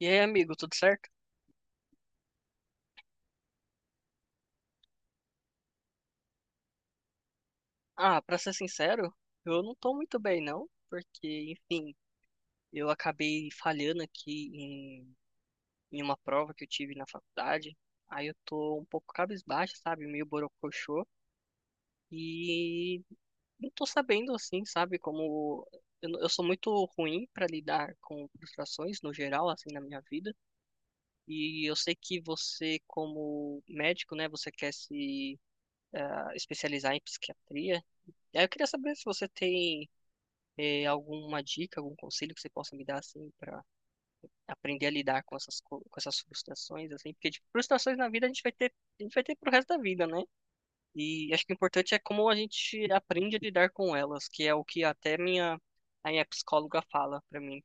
E aí, amigo, tudo certo? Ah, pra ser sincero, eu não tô muito bem, não, porque, enfim, eu acabei falhando aqui em uma prova que eu tive na faculdade. Aí eu tô um pouco cabisbaixo, sabe? Meio borocochô. E não tô sabendo, assim, sabe? Como eu, não- eu sou muito ruim pra lidar com frustrações no geral, assim, na minha vida. E eu sei que você, como médico, né, você quer se especializar em psiquiatria. E aí eu queria saber se você tem alguma dica, algum conselho que você possa me dar assim para aprender a lidar com com essas frustrações assim, porque tipo, frustrações na vida a gente vai ter pro resto da vida, né? E acho que o importante é como a gente aprende a lidar com elas, que é o que até minha a minha psicóloga fala para mim.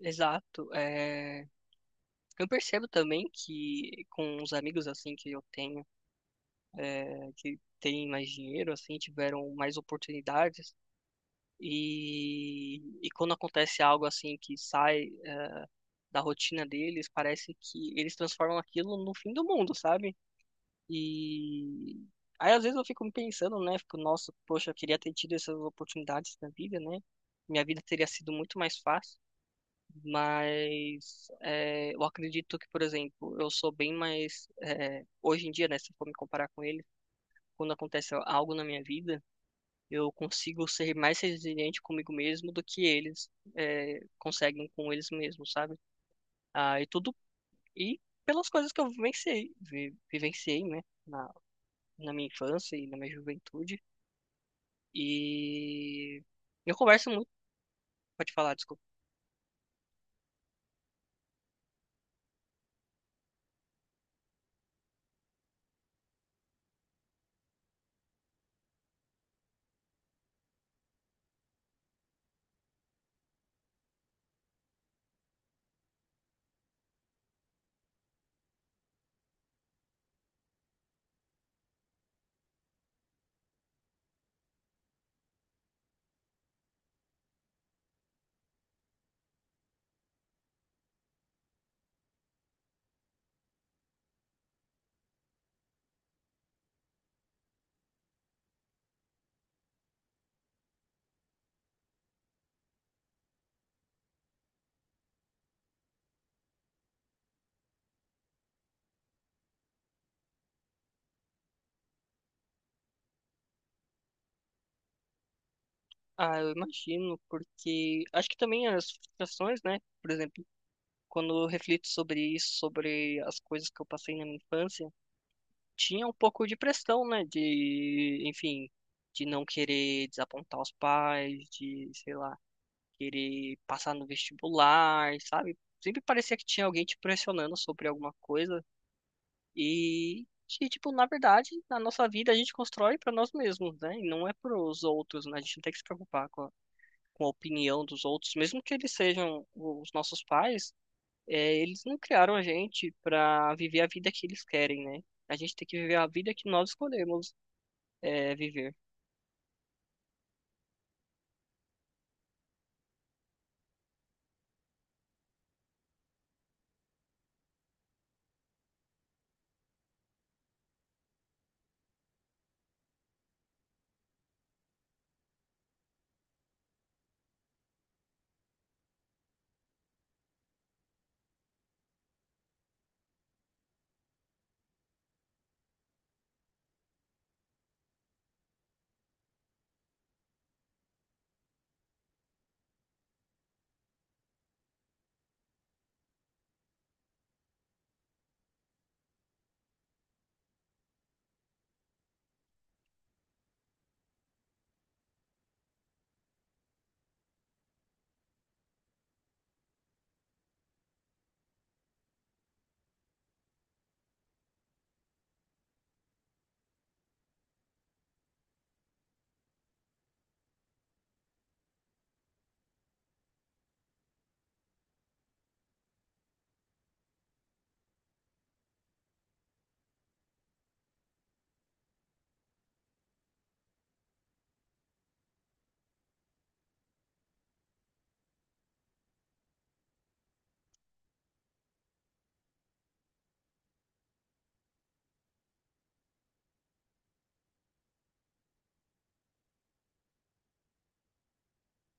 Exato. Eu percebo também que com os amigos assim que eu tenho, que têm mais dinheiro assim, tiveram mais oportunidades. E quando acontece algo assim que sai da rotina deles, parece que eles transformam aquilo no fim do mundo, sabe? E aí às vezes eu fico me pensando, né? Fico, nossa, poxa, eu queria ter tido essas oportunidades na vida, né? Minha vida teria sido muito mais fácil. Mas eu acredito que, por exemplo, eu sou bem mais. Hoje em dia, né, se eu for me comparar com ele, quando acontece algo na minha vida, eu consigo ser mais resiliente comigo mesmo do que eles conseguem com eles mesmos, sabe? Ah, e tudo. E pelas coisas que eu vivenciei, né, na minha infância e na minha juventude. E eu converso muito, pode falar, desculpa. Ah, eu imagino, porque acho que também as frustrações, né, por exemplo, quando eu reflito sobre isso, sobre as coisas que eu passei na minha infância, tinha um pouco de pressão, né, de, enfim, de não querer desapontar os pais, de, sei lá, querer passar no vestibular, sabe? Sempre parecia que tinha alguém te pressionando sobre alguma coisa e que, tipo, na verdade, na nossa vida a gente constrói para nós mesmos, né? E não é para os outros, né? A gente não tem que se preocupar com a opinião dos outros, mesmo que eles sejam os nossos pais, eles não criaram a gente para viver a vida que eles querem, né? A gente tem que viver a vida que nós escolhemos viver.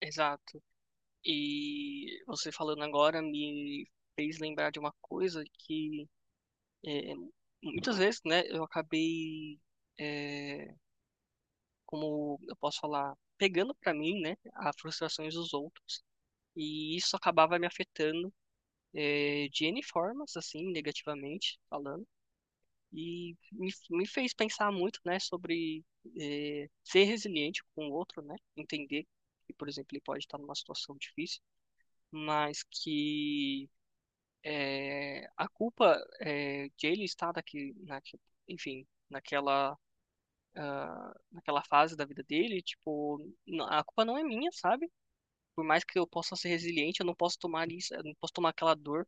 Exato. E você falando agora me fez lembrar de uma coisa que É, muitas vezes, né, eu acabei, é, como eu posso falar, pegando pra mim, né, as frustrações dos outros. E isso acabava me afetando, de N formas, assim, negativamente falando. E me fez pensar muito, né, sobre, ser resiliente com o outro, né, entender que, por exemplo, ele pode estar numa situação difícil, mas que a culpa é, de ele estar daqui, na, enfim, naquela fase da vida dele, tipo, a culpa não é minha, sabe? Por mais que eu possa ser resiliente, eu não posso tomar isso, eu não posso tomar aquela dor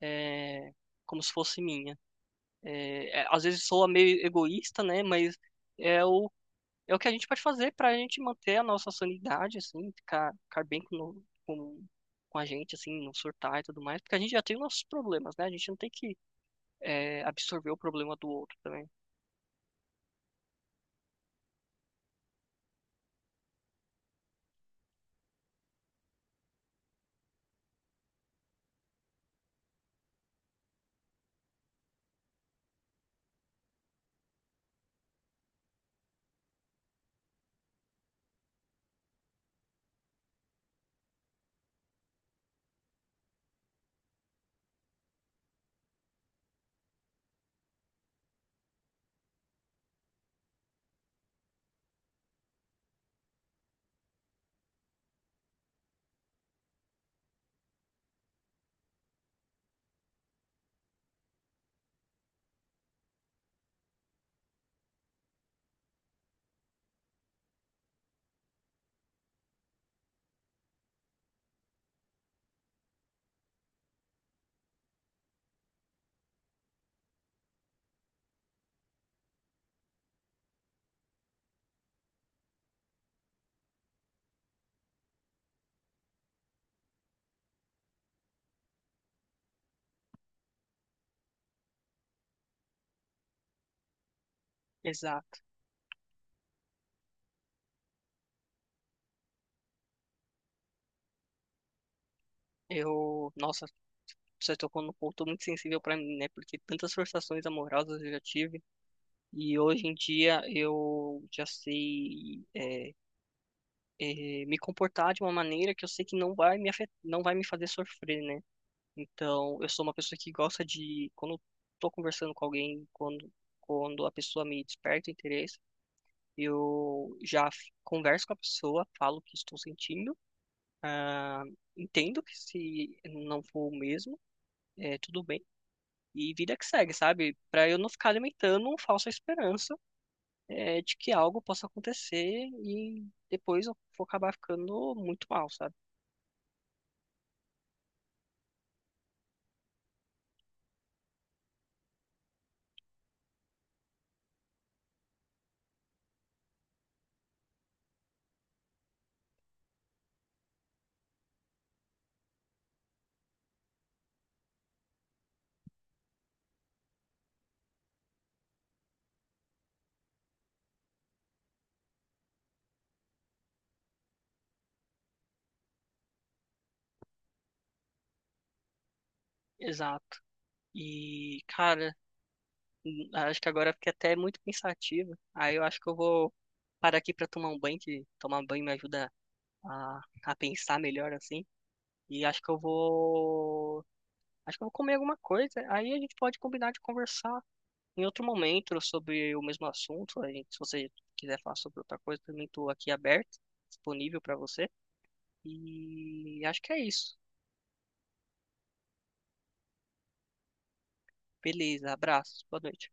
eh, como se fosse minha. Às vezes soa meio egoísta, né? Mas é o, é o que a gente pode fazer para a gente manter a nossa sanidade, assim, ficar bem com, no- com a gente, assim, não surtar e tudo mais, porque a gente já tem os nossos problemas, né? A gente não tem que absorver o problema do outro também. Exato. Nossa, você tocou num ponto muito sensível para mim, né? Porque tantas frustrações amorosas eu já tive e hoje em dia eu já sei me comportar de uma maneira que eu sei que não vai me fazer sofrer, né? Então, eu sou uma pessoa que gosta de quando eu tô conversando com alguém, quando a pessoa me desperta interesse, eu já converso com a pessoa, falo o que estou sentindo, ah, entendo que se não for o mesmo, é tudo bem. E vida que segue, sabe? Pra eu não ficar alimentando uma falsa esperança de que algo possa acontecer e depois eu vou acabar ficando muito mal, sabe? Exato. E, cara, acho que agora eu fiquei até muito pensativa. Aí eu acho que eu vou parar aqui pra tomar um banho, que tomar banho me ajuda a pensar melhor, assim. E acho que eu vou. Acho que eu vou comer alguma coisa. Aí a gente pode combinar de conversar em outro momento, sobre o mesmo assunto, se você quiser falar sobre outra coisa, também estou aqui aberto, disponível para você. E acho que é isso. Beleza, abraços, boa noite.